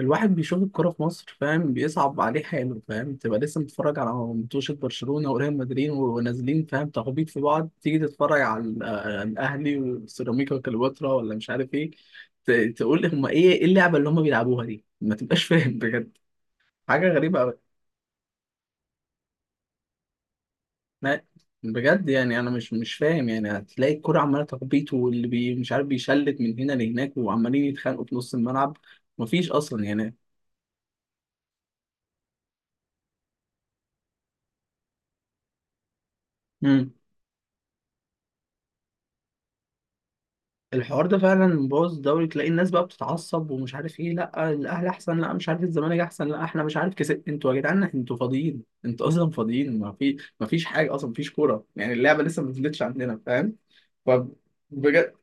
الواحد بيشوف الكرة في مصر فاهم، بيصعب عليه حاله. فاهم تبقى لسه متفرج على ماتشات برشلونة وريال مدريد ونازلين فاهم تخبيط في بعض، تيجي تتفرج على الأهلي وسيراميكا وكليوباترا ولا مش عارف ايه. تقول هما ايه اللعبة اللي هما بيلعبوها دي؟ ما تبقاش فاهم بجد. حاجة غريبة أوي. لا، بجد يعني انا مش فاهم. يعني هتلاقي الكرة عمالة تخبيط واللي بي مش عارف، بيشلت من هنا لهناك وعمالين يتخانقوا في نص الملعب. مفيش اصلا يعني. مم. الحوار ده فعلا مبوظ الدوري. تلاقي الناس بقى بتتعصب ومش عارف ايه، لا الاهلي احسن، لا مش عارف الزمالك احسن، لا احنا مش عارف كسب. انتوا يا جدعان انتوا فاضيين، انتوا اصلا فاضيين. ما فيش حاجه اصلا، ما فيش كوره يعني. اللعبه لسه ما نزلتش عندنا، فاهم؟ ف بجد.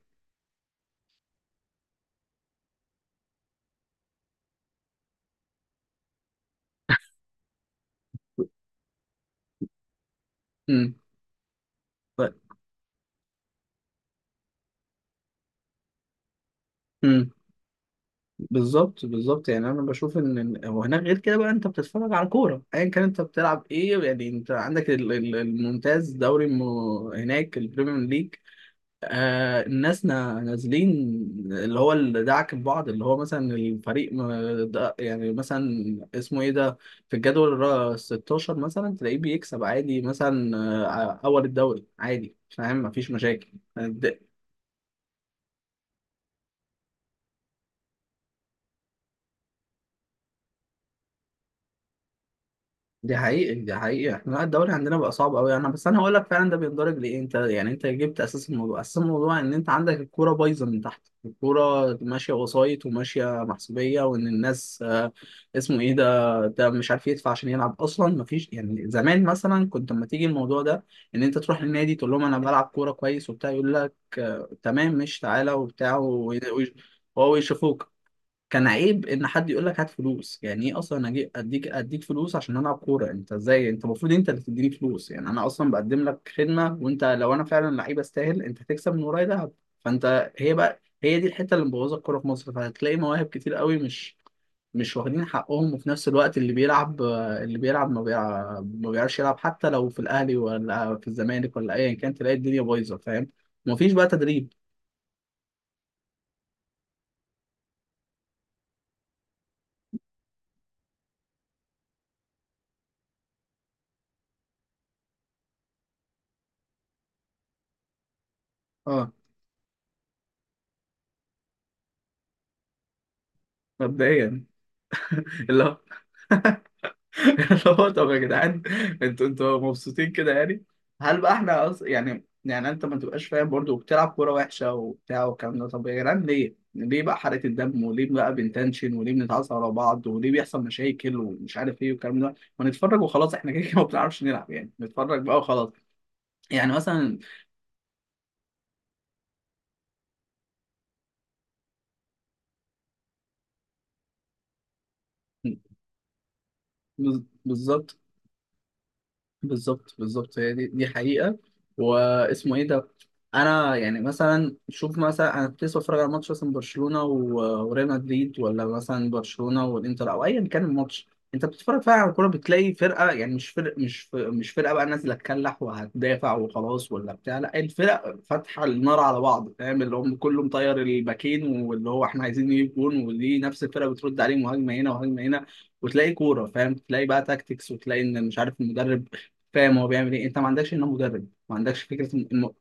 امم، طيب. امم. بالظبط بالظبط. يعني انا بشوف ان هو هناك غير كده بقى، انت بتتفرج على كوره ايا كان انت بتلعب ايه. يعني انت عندك الممتاز دوري هناك البريمير ليج. آه الناس نازلين. اللي هو اللي دعك ببعض، اللي هو مثلا الفريق ده يعني مثلا، اسمه ايه ده، في الجدول ال 16 مثلا، تلاقيه بيكسب عادي مثلا. آه، اول الدوري عادي فاهم، مفيش مشاكل. دي حقيقي دي حقيقي. احنا لا، الدوري عندنا بقى صعب قوي. انا بس انا هقول لك فعلا ده بيندرج لايه. انت يعني انت جبت اساس الموضوع. اساس الموضوع ان انت عندك الكوره بايظه من تحت. الكوره ماشيه وسايط، وماشيه محسوبيه، وان الناس آه، اسمه ايه ده، ده مش عارف يدفع عشان يلعب اصلا. مفيش يعني. زمان مثلا كنت لما تيجي الموضوع ده، ان انت تروح للنادي تقول لهم انا بلعب كوره كويس وبتاع، يقول لك آه، تمام، مش تعالى وبتاع وهو يشوفوك. كان عيب ان حد يقول لك هات فلوس. يعني ايه اصلا اجي اديك فلوس عشان العب كوره؟ انت ازاي؟ انت المفروض انت اللي تديني فلوس، يعني انا اصلا بقدم لك خدمه. وانت لو انا فعلا لعيب استاهل، انت هتكسب من ورايا دهب. فانت، هي بقى هي دي الحته اللي مبوظه الكوره في مصر. فهتلاقي مواهب كتير قوي مش واخدين حقهم، وفي نفس الوقت اللي بيلعب ما بيعرفش يلعب، حتى لو في الاهلي ولا في الزمالك ولا ايا كان. تلاقي الدنيا بايظه فاهم. مفيش بقى تدريب. اه، مبدئيا اللي هو اللي هو طب يا جدعان، انتوا انتوا مبسوطين كده يعني؟ هل بقى احنا يعني يعني انت ما تبقاش فاهم برضه، وبتلعب كوره وحشه وبتاع والكلام ده؟ طب يا جدعان ليه؟ ليه بقى حرقة الدم؟ وليه بقى بنتنشن؟ وليه بنتعصب على بعض؟ وليه بيحصل مشاكل ومش عارف ايه والكلام ده؟ ما نتفرج وخلاص. احنا كده كده ما بنعرفش نلعب، يعني نتفرج بقى وخلاص. يعني مثلا، بالظبط. بالظبط بالظبط. هي دي دي حقيقة. واسمه ايه ده. انا يعني مثلا، شوف مثلا انا كنت لسه بتفرج على ماتش مثلا برشلونة وريال مدريد، ولا مثلا برشلونة والانتر او ايا كان الماتش. انت بتتفرج فعلا على الكورة، بتلاقي فرقة، يعني مش فرق، مش فرقة بقى نازلة تكلح وهتدافع وخلاص ولا بتاع، لا الفرق فاتحة النار على بعض فاهم. اللي هم كله مطير الباكين واللي هو احنا عايزين نجيب جون، ودي نفس الفرقة بترد عليه، مهاجمة هنا وهجمة هنا. وتلاقي كورة فاهم، تلاقي بقى تاكتكس، وتلاقي ان مش عارف المدرب فاهم هو بيعمل ايه. انت ما عندكش هنا مدرب، ما عندكش فكره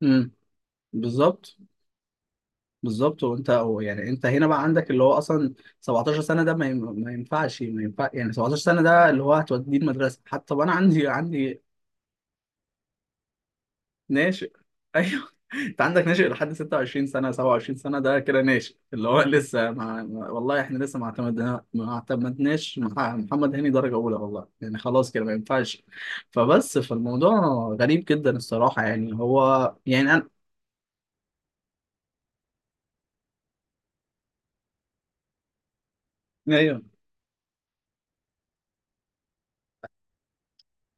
مم. بالظبط بالظبط. وانت هو يعني انت هنا بقى عندك اللي هو اصلا 17 سنه. ده ما ينفع يعني. 17 سنه ده اللي هو هتوديه المدرسه حتى. طب انا عندي ناشئ ايوه. انت عندك ناشئ لحد 26 سنه، 27 سنه ده كده ناشئ. اللي هو لسه والله احنا لسه ما اعتمدناش مع محمد هاني درجه اولى والله. يعني خلاص كده ما ينفعش. فبس، فالموضوع غريب جدا الصراحه، يعني هو يعني. ايوه.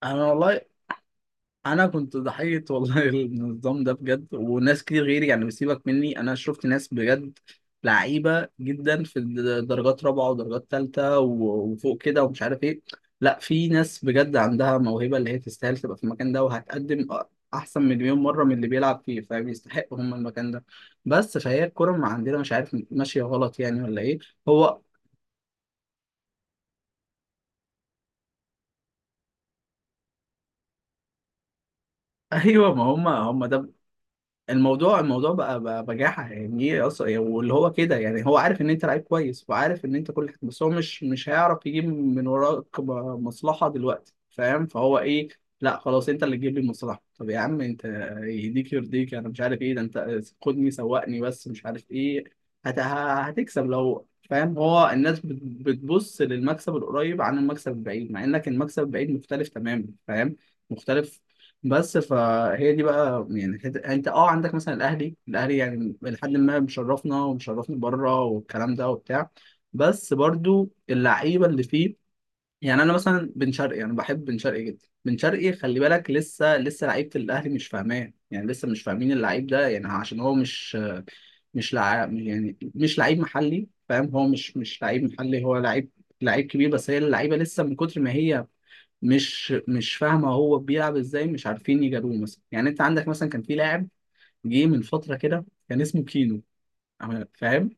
انا والله، انا كنت ضحيه والله النظام ده بجد، وناس كتير غيري يعني. بسيبك مني انا، شفت ناس بجد لعيبه جدا في درجات رابعه ودرجات ثالثه وفوق كده ومش عارف ايه. لا، في ناس بجد عندها موهبه، اللي هي تستاهل تبقى في المكان ده وهتقدم احسن مليون مره من اللي بيلعب فيه. فبيستحقوا هم المكان ده. بس فهي الكوره ما عندنا مش عارف ماشيه غلط يعني ولا ايه. هو ايوه، ما هم هم ده. الموضوع الموضوع بقى بجاحة. يعني ايه اصلا واللي هو كده يعني؟ هو عارف ان انت لعيب كويس، وعارف ان انت كل حاجة، بس هو مش هيعرف يجيب من وراك مصلحة دلوقتي فاهم. فهو ايه، لا خلاص انت اللي تجيب لي المصلحة. طب يا عم انت يهديك يرضيك، انا مش عارف ايه ده. انت خدني سوقني بس مش عارف ايه. هتكسب لو فاهم. هو الناس بتبص للمكسب القريب عن المكسب البعيد، مع انك المكسب البعيد مختلف تماما فاهم، مختلف. بس فهي دي بقى يعني انت اه عندك مثلا الاهلي. الاهلي يعني لحد ما مشرفنا ومشرفنا بره والكلام ده وبتاع، بس برضو اللعيبه اللي فيه. يعني انا مثلا بن شرقي، انا بحب بن شرقي جدا. بن شرقي خلي بالك لسه لسه لعيبه الاهلي مش فاهماه، يعني لسه مش فاهمين اللعيب ده. يعني عشان هو مش مش لع... يعني مش لعيب محلي فاهم. هو مش لعيب محلي، هو لعيب، لعيب كبير. بس هي اللعيبه لسه من كتر ما هي مش فاهمه هو بيلعب ازاي، مش عارفين يجاروه مثلا. يعني انت عندك مثلا كان في لاعب جه من فتره كده كان اسمه كينو فاهم.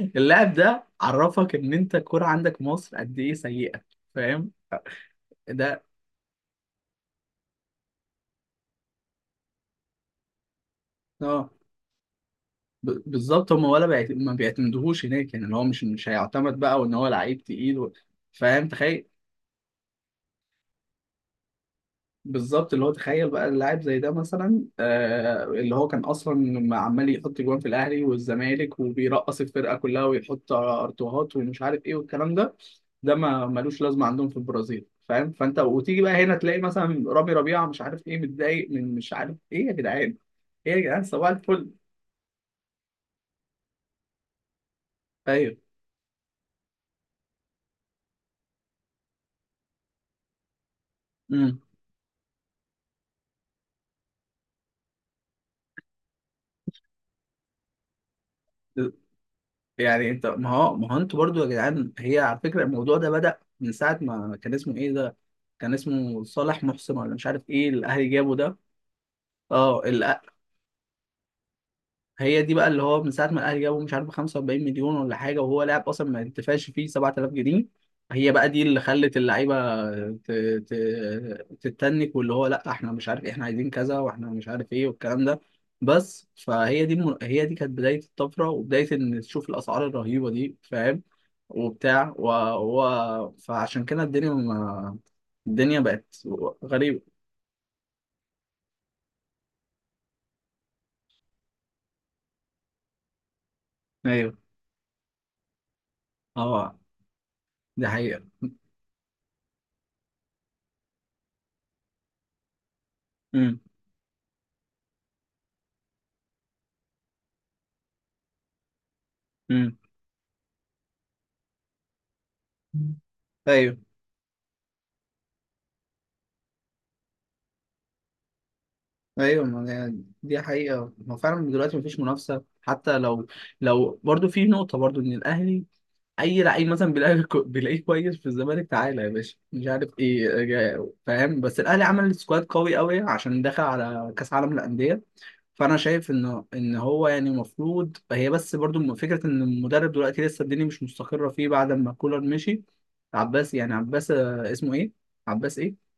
اللاعب ده عرفك ان انت الكوره عندك مصر قد ايه سيئه فاهم ده. اه، بالظبط. هم ولا ما بيعتمدوهوش هناك، يعني اللي هو مش مش هيعتمد بقى، وان هو لعيب تقيل فاهم، تخيل. بالظبط. اللي هو تخيل بقى اللاعب زي ده مثلا آه، اللي هو كان اصلا عمال يحط جوان في الاهلي والزمالك، وبيرقص الفرقه كلها، ويحط ارتوهات ومش عارف ايه والكلام ده. ده ما ملوش لازمه عندهم في البرازيل فاهم. فانت وتيجي بقى هنا تلاقي مثلا رامي ربيعه مش عارف ايه متضايق من مش عارف ايه. يا جدعان ايه يا جدعان؟ صباح الفل. ايوه. امم. يعني انت ما هو ما هو انتوا برضو يا جدعان، هي على فكره الموضوع ده بدأ من ساعه ما كان اسمه ايه ده، كان اسمه صالح محسن ولا مش عارف ايه، الاهلي جابه ده. اه هي دي بقى اللي هو، من ساعه ما الاهلي جابوا مش عارف 45 مليون ولا حاجه، وهو لاعب اصلا ما انتفعش فيه 7000 جنيه. هي بقى دي اللي خلت اللعيبه ت- تتنك، واللي هو لا احنا مش عارف إيه، احنا عايزين كذا واحنا مش عارف ايه والكلام ده. بس فهي دي هي دي كانت بدايه الطفره، وبدايه ان تشوف الاسعار الرهيبه دي فاهم. وبتاع فعشان كده الدنيا ما... الدنيا بقت غريبه. ايوه. اه دي حقيقه. امم. امم. ايوه. ايوه ما هي دي حقيقة. ما فعلا دلوقتي مفيش منافسة. حتى لو لو برضو في نقطة برضو ان الاهلي اي لعيب مثلا بيلاقي بيلاقيه كويس في الزمالك، تعالى يا باشا مش عارف ايه فاهم. بس الاهلي عمل سكواد قوي قوي عشان دخل على كاس عالم الاندية. فانا شايف ان هو يعني المفروض، هي بس برضو فكرة ان المدرب دلوقتي لسه الدنيا مش مستقرة فيه بعد ما كولر مشي. عباس يعني عباس آه، اسمه ايه، عباس ايه،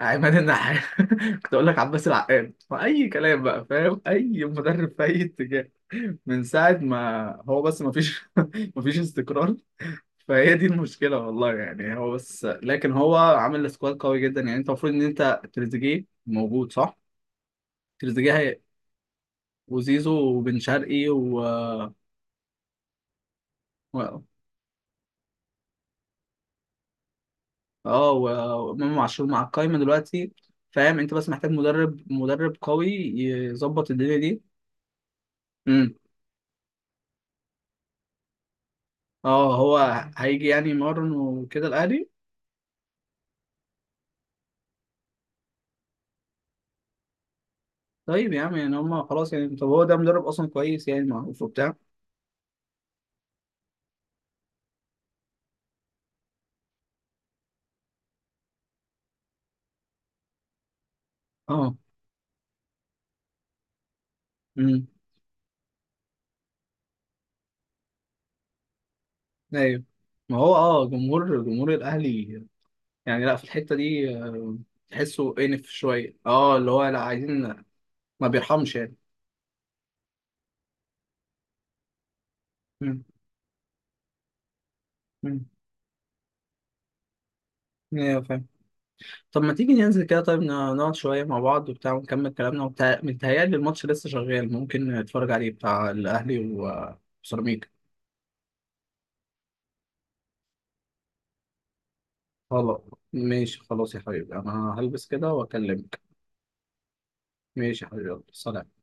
عماد النحاس. كنت اقول لك عباس العقاد واي كلام بقى فاهم. اي مدرب في اي اتجاه من ساعه ما هو، بس ما فيش ما فيش استقرار. فهي دي المشكله والله يعني. هو بس لكن هو عامل سكواد قوي جدا. يعني انت المفروض ان انت تريزيجيه موجود صح. تريزيجيه هي- وزيزو وبن شرقي و- اه، وامام عاشور مع القايمه دلوقتي فاهم. انت بس محتاج مدرب، مدرب قوي يظبط الدنيا دي. اه. هو هيجي يعني يمرن وكده الاهلي. طيب يا عم يعني، هم خلاص يعني. طب هو ده مدرب اصلا كويس يعني؟ معروف وبتاع؟ اه. امم. ايوه، ما هو اه، جمهور جمهور الاهلي يعني، لا في الحته دي آه، تحسه انف شويه. اه اللي هو لا عايزين، ما بيرحمش يعني. امم. امم. ايوه فاهم. طب ما تيجي ننزل كده، طيب نقعد شويه مع بعض وبتاع ونكمل كلامنا وبتاع. متهيألي الماتش لسه شغال، ممكن نتفرج عليه بتاع الاهلي وسيراميكا. خلاص. ماشي خلاص يا حبيبي، انا هلبس كده واكلمك. ماشي يا حبيبي، يلا سلام.